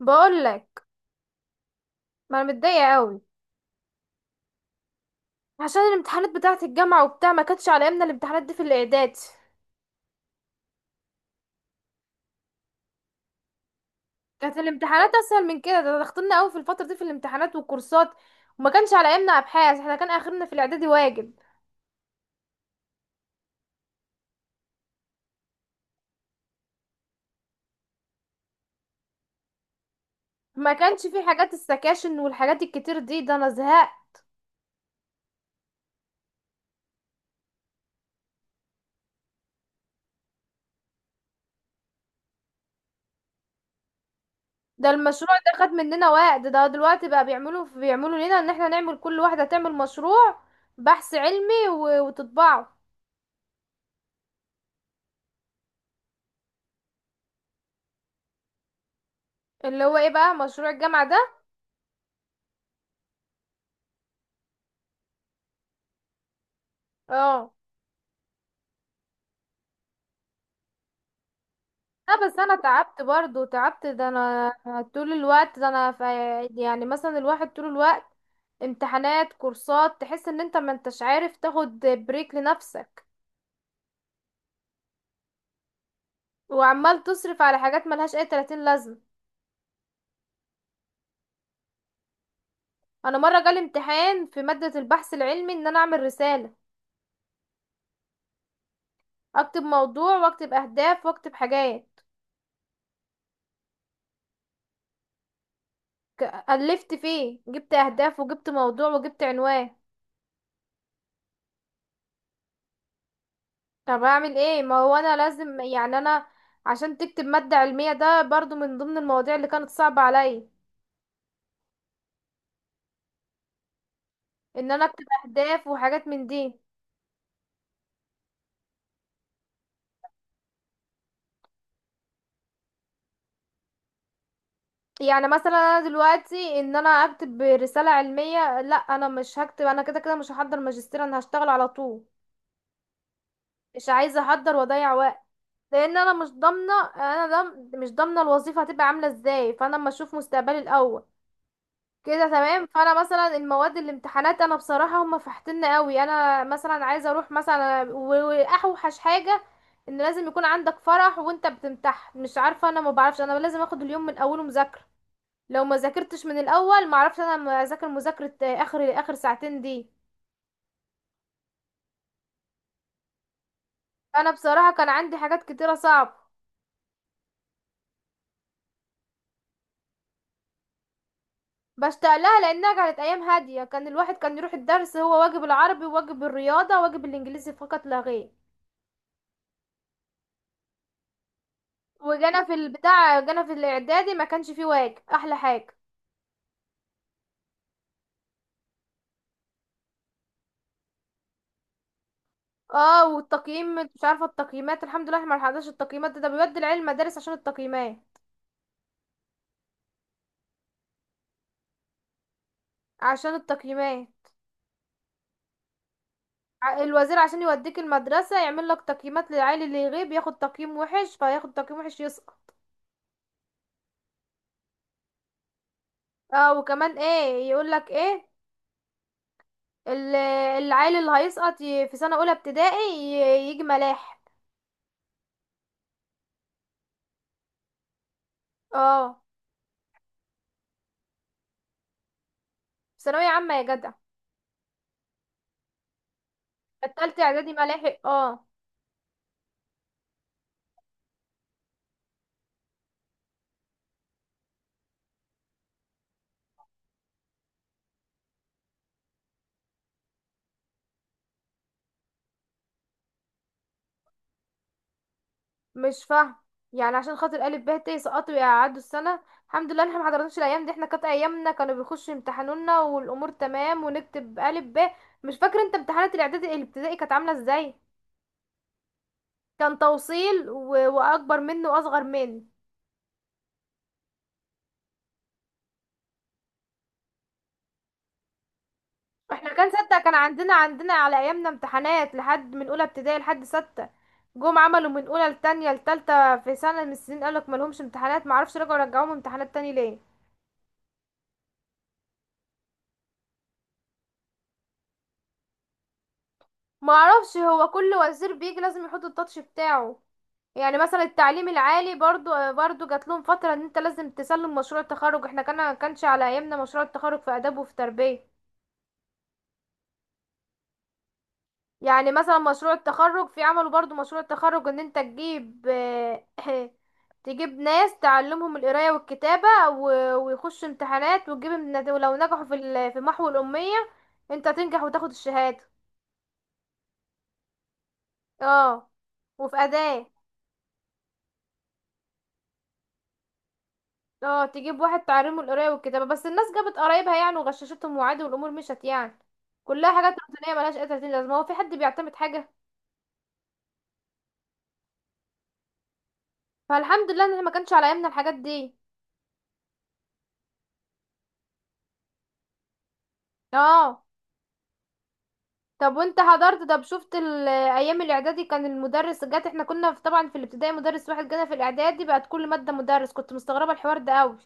بقول لك، ما انا متضايقه قوي عشان الامتحانات بتاعه الجامعه وبتاع. ما كانتش على ايامنا الامتحانات دي في الاعداد كانت الامتحانات اسهل من كده. ده ضغطنا قوي في الفتره دي في الامتحانات والكورسات، وما كانش على ايامنا ابحاث. احنا كان اخرنا في الاعدادي واجب. ما كانش في حاجات السكاشن والحاجات الكتير دي. ده انا زهقت. ده المشروع ده خد مننا وقت. ده دلوقتي بقى بيعملوا لنا ان احنا نعمل، كل واحده تعمل مشروع بحث علمي وتطبعه. اللي هو ايه بقى مشروع الجامعه ده؟ اه. لا بس انا تعبت برضو، تعبت. ده انا طول الوقت، ده انا في، مثلا الواحد طول الوقت امتحانات، كورسات، تحس ان انت ما انتش عارف تاخد بريك لنفسك، وعمال تصرف على حاجات ملهاش اي 30 لازمة. انا مرة جالي امتحان في مادة البحث العلمي ان انا اعمل رسالة، اكتب موضوع واكتب اهداف واكتب حاجات. الفت فيه، جبت اهداف وجبت موضوع وجبت عنوان. طب اعمل ايه؟ ما هو انا لازم، انا عشان تكتب مادة علمية، ده برضو من ضمن المواضيع اللي كانت صعبة عليا، ان انا اكتب اهداف وحاجات من دي. مثلا انا دلوقتي ان انا اكتب رسالة علمية، لا انا مش هكتب. انا كده كده مش هحضر ماجستير، انا هشتغل على طول. مش عايزة احضر واضيع وقت، لان انا مش ضامنة. انا دم، مش ضامنة الوظيفة هتبقى عاملة ازاي، فانا اما اشوف مستقبلي الاول كده تمام. فانا مثلا المواد، الامتحانات، انا بصراحه هم فحتنا قوي. انا مثلا عايزه اروح مثلا واوحش حاجه ان لازم يكون عندك فرح وانت بتمتحن. مش عارفه، انا ما بعرفش، انا لازم اخد اليوم من اوله مذاكره. لو ما ذاكرتش من الاول ما اعرفش. انا ما اذاكر مذاكره اخر ساعتين دي. انا بصراحه كان عندي حاجات كتيره صعبه. بشتاق لها لانها كانت ايام هاديه. كان الواحد كان يروح الدرس هو واجب العربي وواجب الرياضه وواجب الانجليزي فقط لا غير. وجانا في البتاع، جانا في الاعدادي، ما كانش فيه واجب، احلى حاجه. اه، والتقييم مش عارفه، التقييمات الحمد لله احنا ما لحقناش التقييمات ده. ده بيودي العيال المدارس عشان التقييمات، عشان التقييمات. الوزير عشان يوديك المدرسه يعمل لك تقييمات للعيل، اللي يغيب ياخد تقييم وحش، فياخد تقييم وحش يسقط. اه، وكمان ايه يقول لك ايه، ال- العيل اللي هيسقط في سنه اولى ابتدائي يجي ملاحق. اه، في ثانويه عامه يا جدع. التالتة اعدادي ملاحق، اه. مش فاهم. عشان خاطر الف ب ت سقطوا يقعدوا السنه؟ الحمد لله احنا ما حضرناش الايام دي. احنا كانت ايامنا كانوا بيخشوا يمتحنونا والامور تمام ونكتب الف ب. مش فاكر انت امتحانات الاعدادي الابتدائي كانت عامله ازاي؟ كان توصيل، و... واكبر منه واصغر منه. احنا كان ستة، كان عندنا على ايامنا امتحانات لحد، من اولى ابتدائي لحد ستة. جم عملوا من اولى لتانية لتالتة، في سنه من السنين قالك مالهمش امتحانات، معرفش. رجعوا، رجعوهم امتحانات تاني ليه. ما اعرفش، هو كل وزير بيجي لازم يحط التاتش بتاعه. مثلا التعليم العالي برضو جات لهم فترة ان انت لازم تسلم مشروع التخرج. احنا كان كانش على ايامنا مشروع التخرج في اداب وفي تربية. مثلا مشروع التخرج في، عملوا برضو مشروع التخرج ان انت تجيب تجيب ناس تعلمهم القراية والكتابة ويخشوا امتحانات وتجيب امتحانات، ولو نجحوا في في محو الأمية انت تنجح وتاخد الشهادة. اه، وفي أداة. اه، تجيب واحد تعلمه القراية والكتابة، بس الناس جابت قرايبها يعني وغششتهم وعادي والأمور مشت يعني. كلها حاجات روتينية ملهاش أي تلاتين لازمة. هو في حد بيعتمد حاجة؟ فالحمد لله ان احنا ما كانش على ايامنا الحاجات دي. اه. طب وانت حضرت؟ طب شفت ايام الاعدادي كان المدرس جات، احنا كنا في، طبعا في الابتدائي مدرس واحد، جانا في الاعدادي بقت كل مادة مدرس. كنت مستغربة الحوار ده قوي.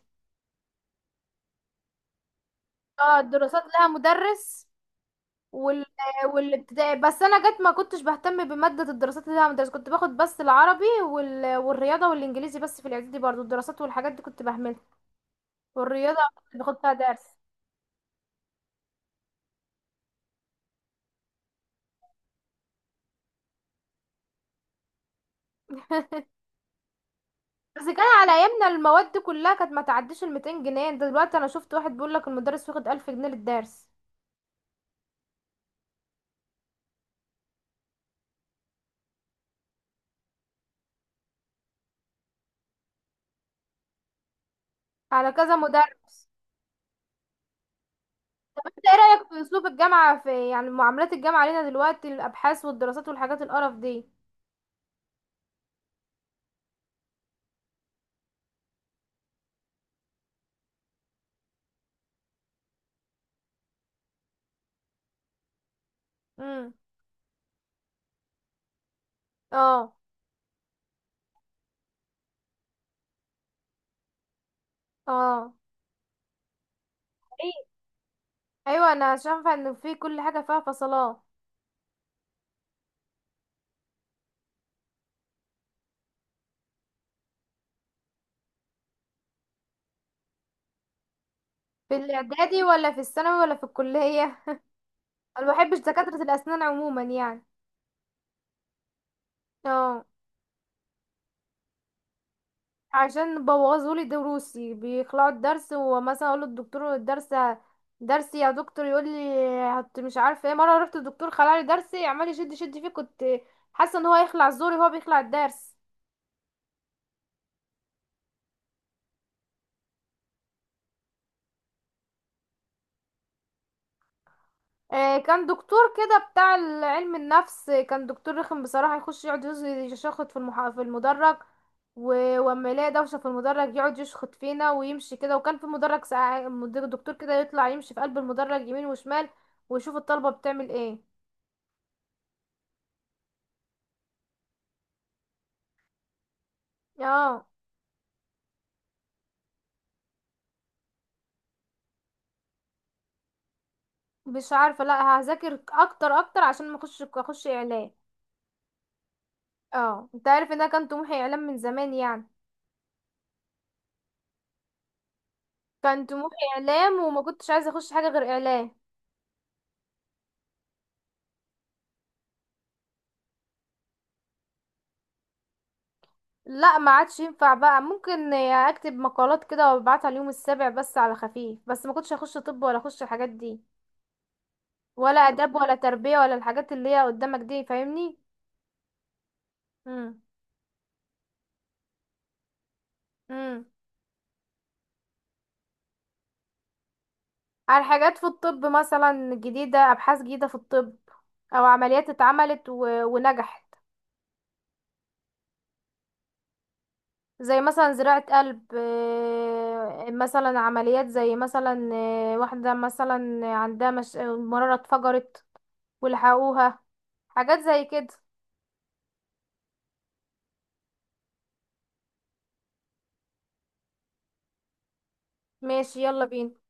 اه، الدراسات لها مدرس، وال... والابتدائي بس انا جت ما كنتش بهتم بمادة الدراسات، اللي انا مدرسة كنت باخد بس العربي والرياضة والانجليزي. بس في الاعدادي برضو الدراسات والحاجات دي كنت بهملها، والرياضة كنت باخد فيها درس. بس كان على ايامنا المواد دي كلها كانت ما تعديش ال 200 جنيه. ده دلوقتي انا شفت واحد بيقول لك المدرس واخد 1000 جنيه للدرس، على كذا مدرس. انت ايه رأيك في اسلوب الجامعة في، يعني معاملات الجامعة علينا دلوقتي، الابحاث والدراسات والحاجات القرف دي؟ امم. اه. اه. ايوه. أيوه، انا شايفه ان في كل حاجه فيها فصلات. في الاعدادي ولا في الثانوي ولا في الكلية؟ انا ما بحبش دكاترة الاسنان عموما يعني. اه، عشان بوظوا لي دروسي، بيخلعوا الدرس. ومثلا اقول للدكتور الدرس، درسي يا دكتور، يقول لي هت، مش عارفه ايه. مره رحت الدكتور خلع لي درسي، عمال يشد فيه، كنت حاسه ان هو هيخلع زوري وهو بيخلع الدرس. كان دكتور كده بتاع علم النفس. كان دكتور رخم بصراحة، يخش يقعد يشخط في في المدرج، واما يلاقي دوشة في المدرج يقعد يشخط فينا ويمشي كده. وكان في مدرج ساعة دكتور كده يطلع يمشي في قلب المدرج يمين وشمال ويشوف الطلبة بتعمل ايه. اه. مش عارفة. لا هذاكر اكتر عشان ما اخش اعلام. اه، انت عارف ان انا كان طموحي اعلام من زمان يعني. كان طموحي اعلام وما كنتش عايزة اخش حاجة غير اعلام. لا، ما عادش ينفع بقى. ممكن اكتب مقالات كده وابعتها اليوم السابع، بس على خفيف، بس ما كنتش هخش طب ولا اخش الحاجات دي، ولا اداب ولا تربية ولا الحاجات اللي هي قدامك دي، فاهمني. امم. امم. على حاجات في الطب مثلا جديدة، ابحاث جديدة في الطب، او عمليات اتعملت و... ونجحت. زي مثلا زراعة قلب. مثلا عمليات زي مثلا، واحدة مثلا عندها مش... مرارة اتفجرت ولحقوها، حاجات زي كده. ماشي يلا بينا.